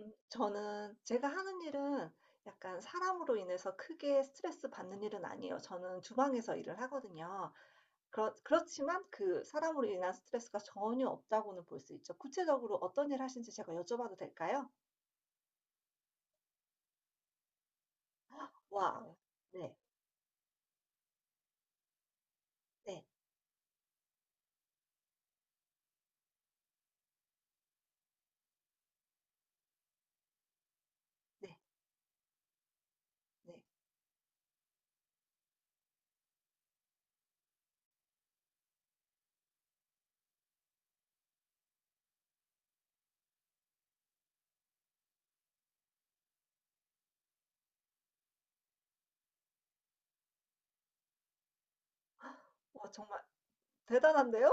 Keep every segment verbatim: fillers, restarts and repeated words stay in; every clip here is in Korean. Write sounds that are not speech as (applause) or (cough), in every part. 음 저는 제가 하는 일은 약간 사람으로 인해서 크게 스트레스 받는 일은 아니에요. 저는 주방에서 일을 하거든요. 그렇 그렇지만 그 사람으로 인한 스트레스가 전혀 없다고는 볼 수 있죠. 구체적으로 어떤 일 하시는지 제가 여쭤봐도 될까요? 와. 네. 네. 네. 네. 네. 와, 정말 대단한데요?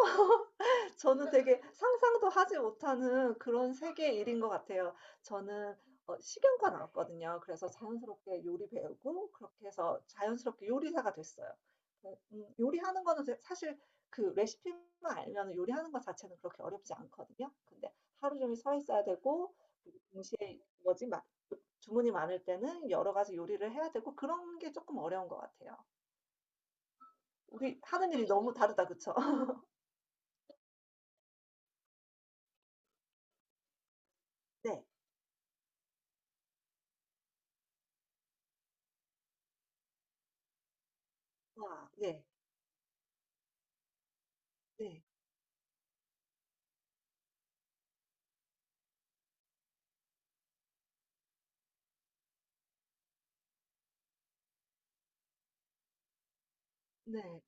저는 되게 상상도 하지 못하는 그런 세계의 일인 것 같아요. 저는 어, 식용과 나왔거든요. 그래서 자연스럽게 요리 배우고 그렇게 해서 자연스럽게 요리사가 됐어요. 어, 음, 요리하는 거는 제- 사실 그 레시피만 알면 요리하는 것 자체는 그렇게 어렵지 않거든요. 근데 하루 종일 서 있어야 되고, 그리고 동시에 뭐지, 막 주문이 많을 때는 여러 가지 요리를 해야 되고 그런 게 조금 어려운 것 같아요. 우리 하는 일이 너무 다르다, 그쵸? (laughs) 네. 와, 네, 네, 네.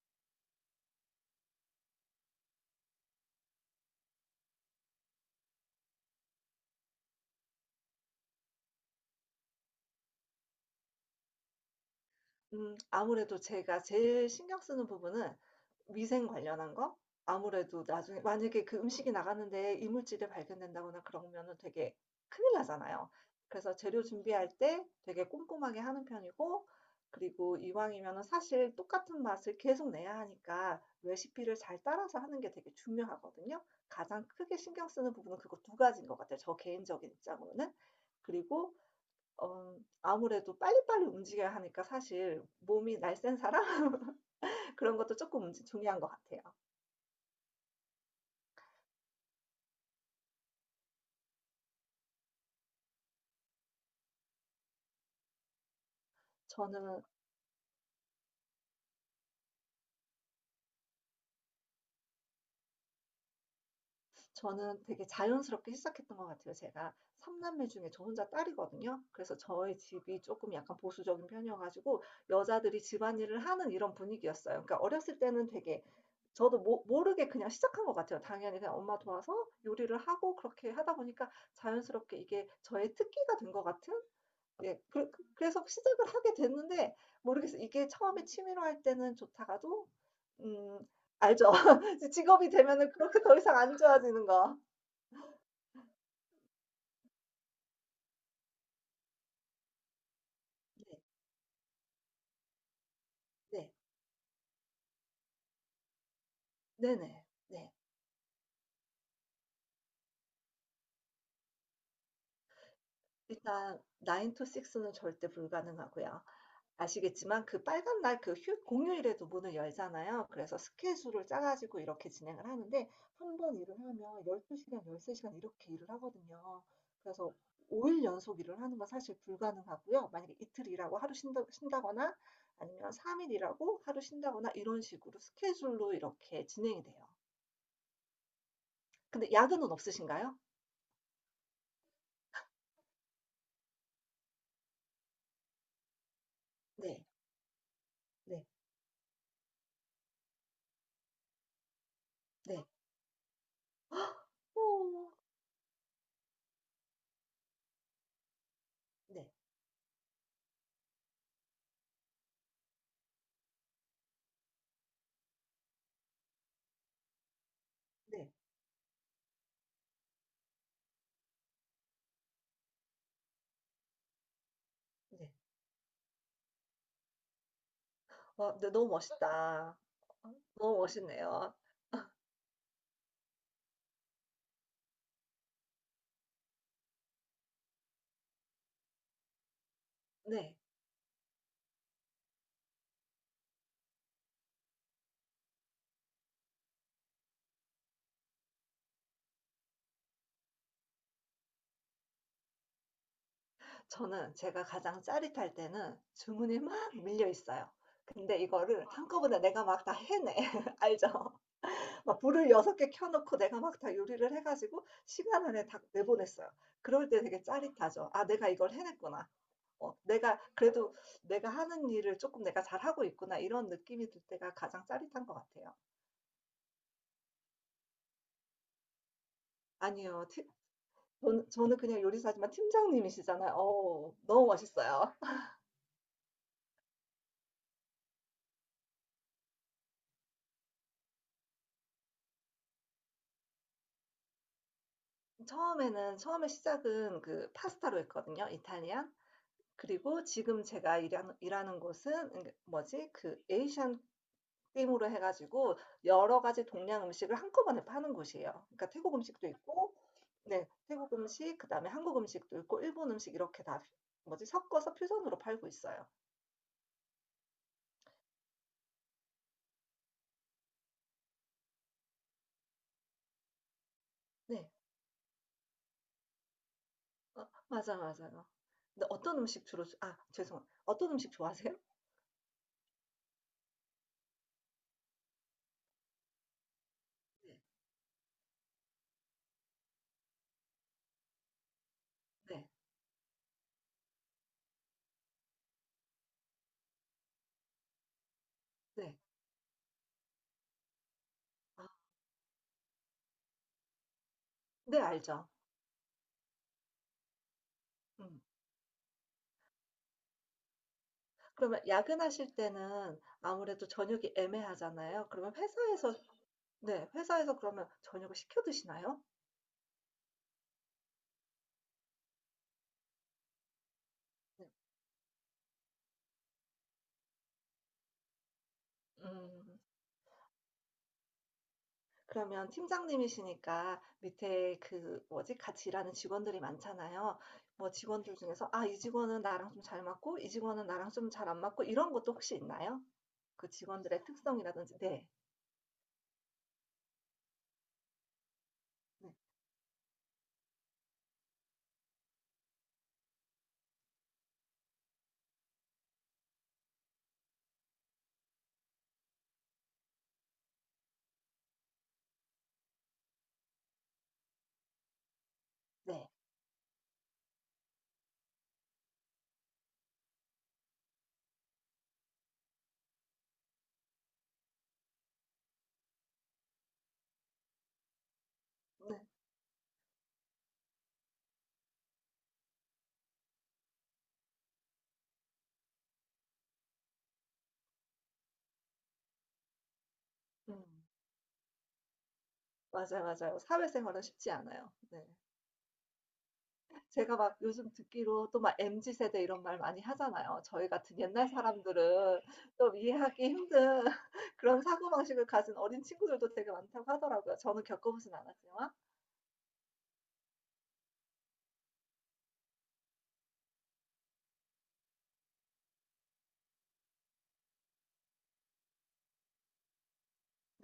음 아무래도 제가 제일 신경 쓰는 부분은 위생 관련한 거? 아무래도 나중에 만약에 그 음식이 나가는데 이물질이 발견된다거나 그러면은 되게 큰일 나잖아요. 그래서 재료 준비할 때 되게 꼼꼼하게 하는 편이고, 그리고 이왕이면은 사실 똑같은 맛을 계속 내야 하니까 레시피를 잘 따라서 하는 게 되게 중요하거든요. 가장 크게 신경 쓰는 부분은 그거 두 가지인 것 같아요, 저 개인적인 입장으로는. 그리고 어 아무래도 빨리빨리 움직여야 하니까 사실 몸이 날쌘 사람 (laughs) 그런 것도 조금 움직 중요한 것 같아요. 저는 저는 되게 자연스럽게 시작했던 것 같아요. 제가 3 남매 중에 저 혼자 딸이거든요. 그래서 저희 집이 조금 약간 보수적인 편이어 가지고 여자들이 집안일을 하는 이런 분위기였어요. 그러니까 어렸을 때는 되게 저도 모 모르게 그냥 시작한 것 같아요. 당연히 그냥 엄마 도와서 요리를 하고 그렇게 하다 보니까 자연스럽게 이게 저의 특기가 된 것 같은, 예, 그, 래서 시작을 하게 됐는데 모르겠어요. 이게 처음에 취미로 할 때는 좋다가도 음, 알죠. (laughs) 직업이 되면은 그렇게 더 이상 안 좋아지는 거. 네, 네, 네네, 네. 일단 나인 to 식스는 절대 불가능하고요. 아시겠지만 그 빨간 날, 그 휴 공휴일에도 문을 열잖아요. 그래서 스케줄을 짜 가지고 이렇게 진행을 하는데 한번 일을 하면 12 시간, 13 시간 이렇게 일을 하거든요. 그래서 오 일 연속 일을 하는 건 사실 불가능하고요. 만약에 이틀 일하고 하루 쉰다 쉰다거나, 아니면 삼 일 일하고 하루 쉰다거나 이런 식으로 스케줄로 이렇게 진행이 돼요. 근데 야근은 없으신가요? 네. 네. 네. 헉! 오, 네. 네. 네. 와, 근데 너무 멋있다. 어 너무 멋있네요. 네. 저는 제가 가장 짜릿할 때는 주문이 막 밀려 있어요. 근데 이거를 한꺼번에 내가 막 다 해내. (laughs) 알죠? 막 불을 여섯 개 켜 놓고 내가 막 다 요리를 해 가지고 시간 안에 다 내보냈어요. 그럴 때 되게 짜릿하죠. '아, 내가 이걸 해냈구나. 어 내가 그래도 내가 하는 일을 조금 내가 잘하고 있구나.' 이런 느낌이 들 때가 가장 짜릿한 것 같아요. 아니요. 팀 저는 저는 그냥 요리사지만 팀장님이시잖아요. 어우, 너무 멋있어요. 처음에는 처음에 시작은 그 파스타로 했거든요, 이탈리안. 그리고 지금 제가 일하는, 일하는 곳은 그 뭐지? 그 에이시안 임으로 해가지고 여러 가지 동양 음식을 한꺼번에 파는 곳이에요. 그러니까 태국 음식도 있고, 네, 태국 음식, 그다음에 한국 음식도 있고, 일본 음식 이렇게 다 뭐지? 섞어서 퓨전으로 팔고 있어요. 네, 어, 맞아, 맞아요. 근데 어떤 음식 주로, 주- 아, 죄송, 어떤 음식 좋아하세요? 네, 네, 네. 아, 네, 알죠. 음. 그러면 야근하실 때는 아무래도 저녁이 애매하잖아요. 그러면 회사에서, 네, 회사에서 그러면 저녁을 시켜 드시나요? 네. 음. 그러면 팀장님이시니까 밑에 그 뭐지, 같이 일하는 직원들이 많잖아요. 뭐 직원들 중에서 '아, 이 직원은 나랑 좀 잘 맞고 이 직원은 나랑 좀 잘 안 맞고.' 이런 것도 혹시 있나요? 그 직원들의 특성이라든지. 네. 네. 네. 네. 음. 맞아요, 맞아요. 사회생활은 쉽지 않아요. 네. 제가 막 요즘 듣기로 또 막 엠지 세대 이런 말 많이 하잖아요. 저희 같은 옛날 사람들은 좀 이해하기 힘든 (laughs) 그런 사고방식을 가진 어린 친구들도 되게 많다고 하더라고요. 저는 겪어보진 않았지만.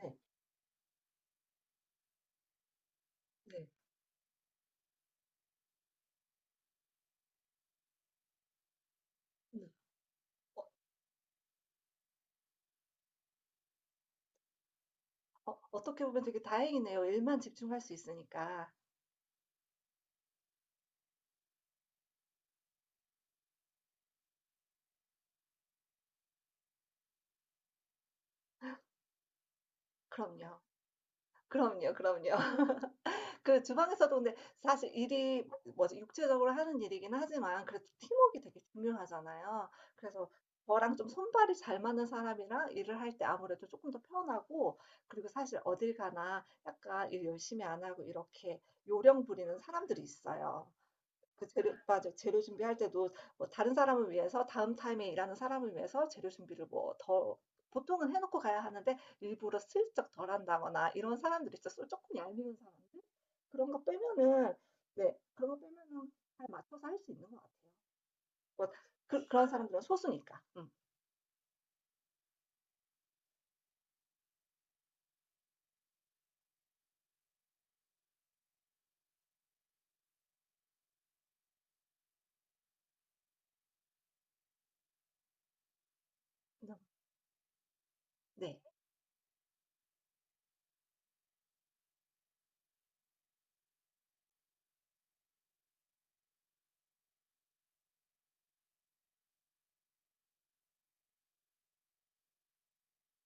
네. 네. 음. 어, 어, 어떻게 보면 되게 다행이네요. 일만 집중할 수 있으니까. 그럼요. 그럼요, 그럼요. 그 주방에서도 근데 사실 일이 뭐지, 육체적으로 하는 일이긴 하지만 그래도 팀워크가 되게 중요하잖아요. 그래서 저랑 좀 손발이 잘 맞는 사람이랑 일을 할 때 아무래도 조금 더 편하고, 그리고 사실 어딜 가나 약간 일 열심히 안 하고 이렇게 요령 부리는 사람들이 있어요. 그 재료 맞아. 재료 준비할 때도 뭐 다른 사람을 위해서 다음 타임에 일하는 사람을 위해서 재료 준비를 뭐 더 보통은 해 놓고 가야 하는데 일부러 슬쩍 덜 한다거나 이런 사람들이 있어서 조금 얄미운 사람들? 그런 거 빼면은, 네, 그런 거 빼면은 잘 맞춰서 할 수 있는 것 같아요. 뭐 그 그런 사람들은 소수니까. 음. 네.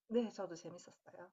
네, 저도 재밌었어요.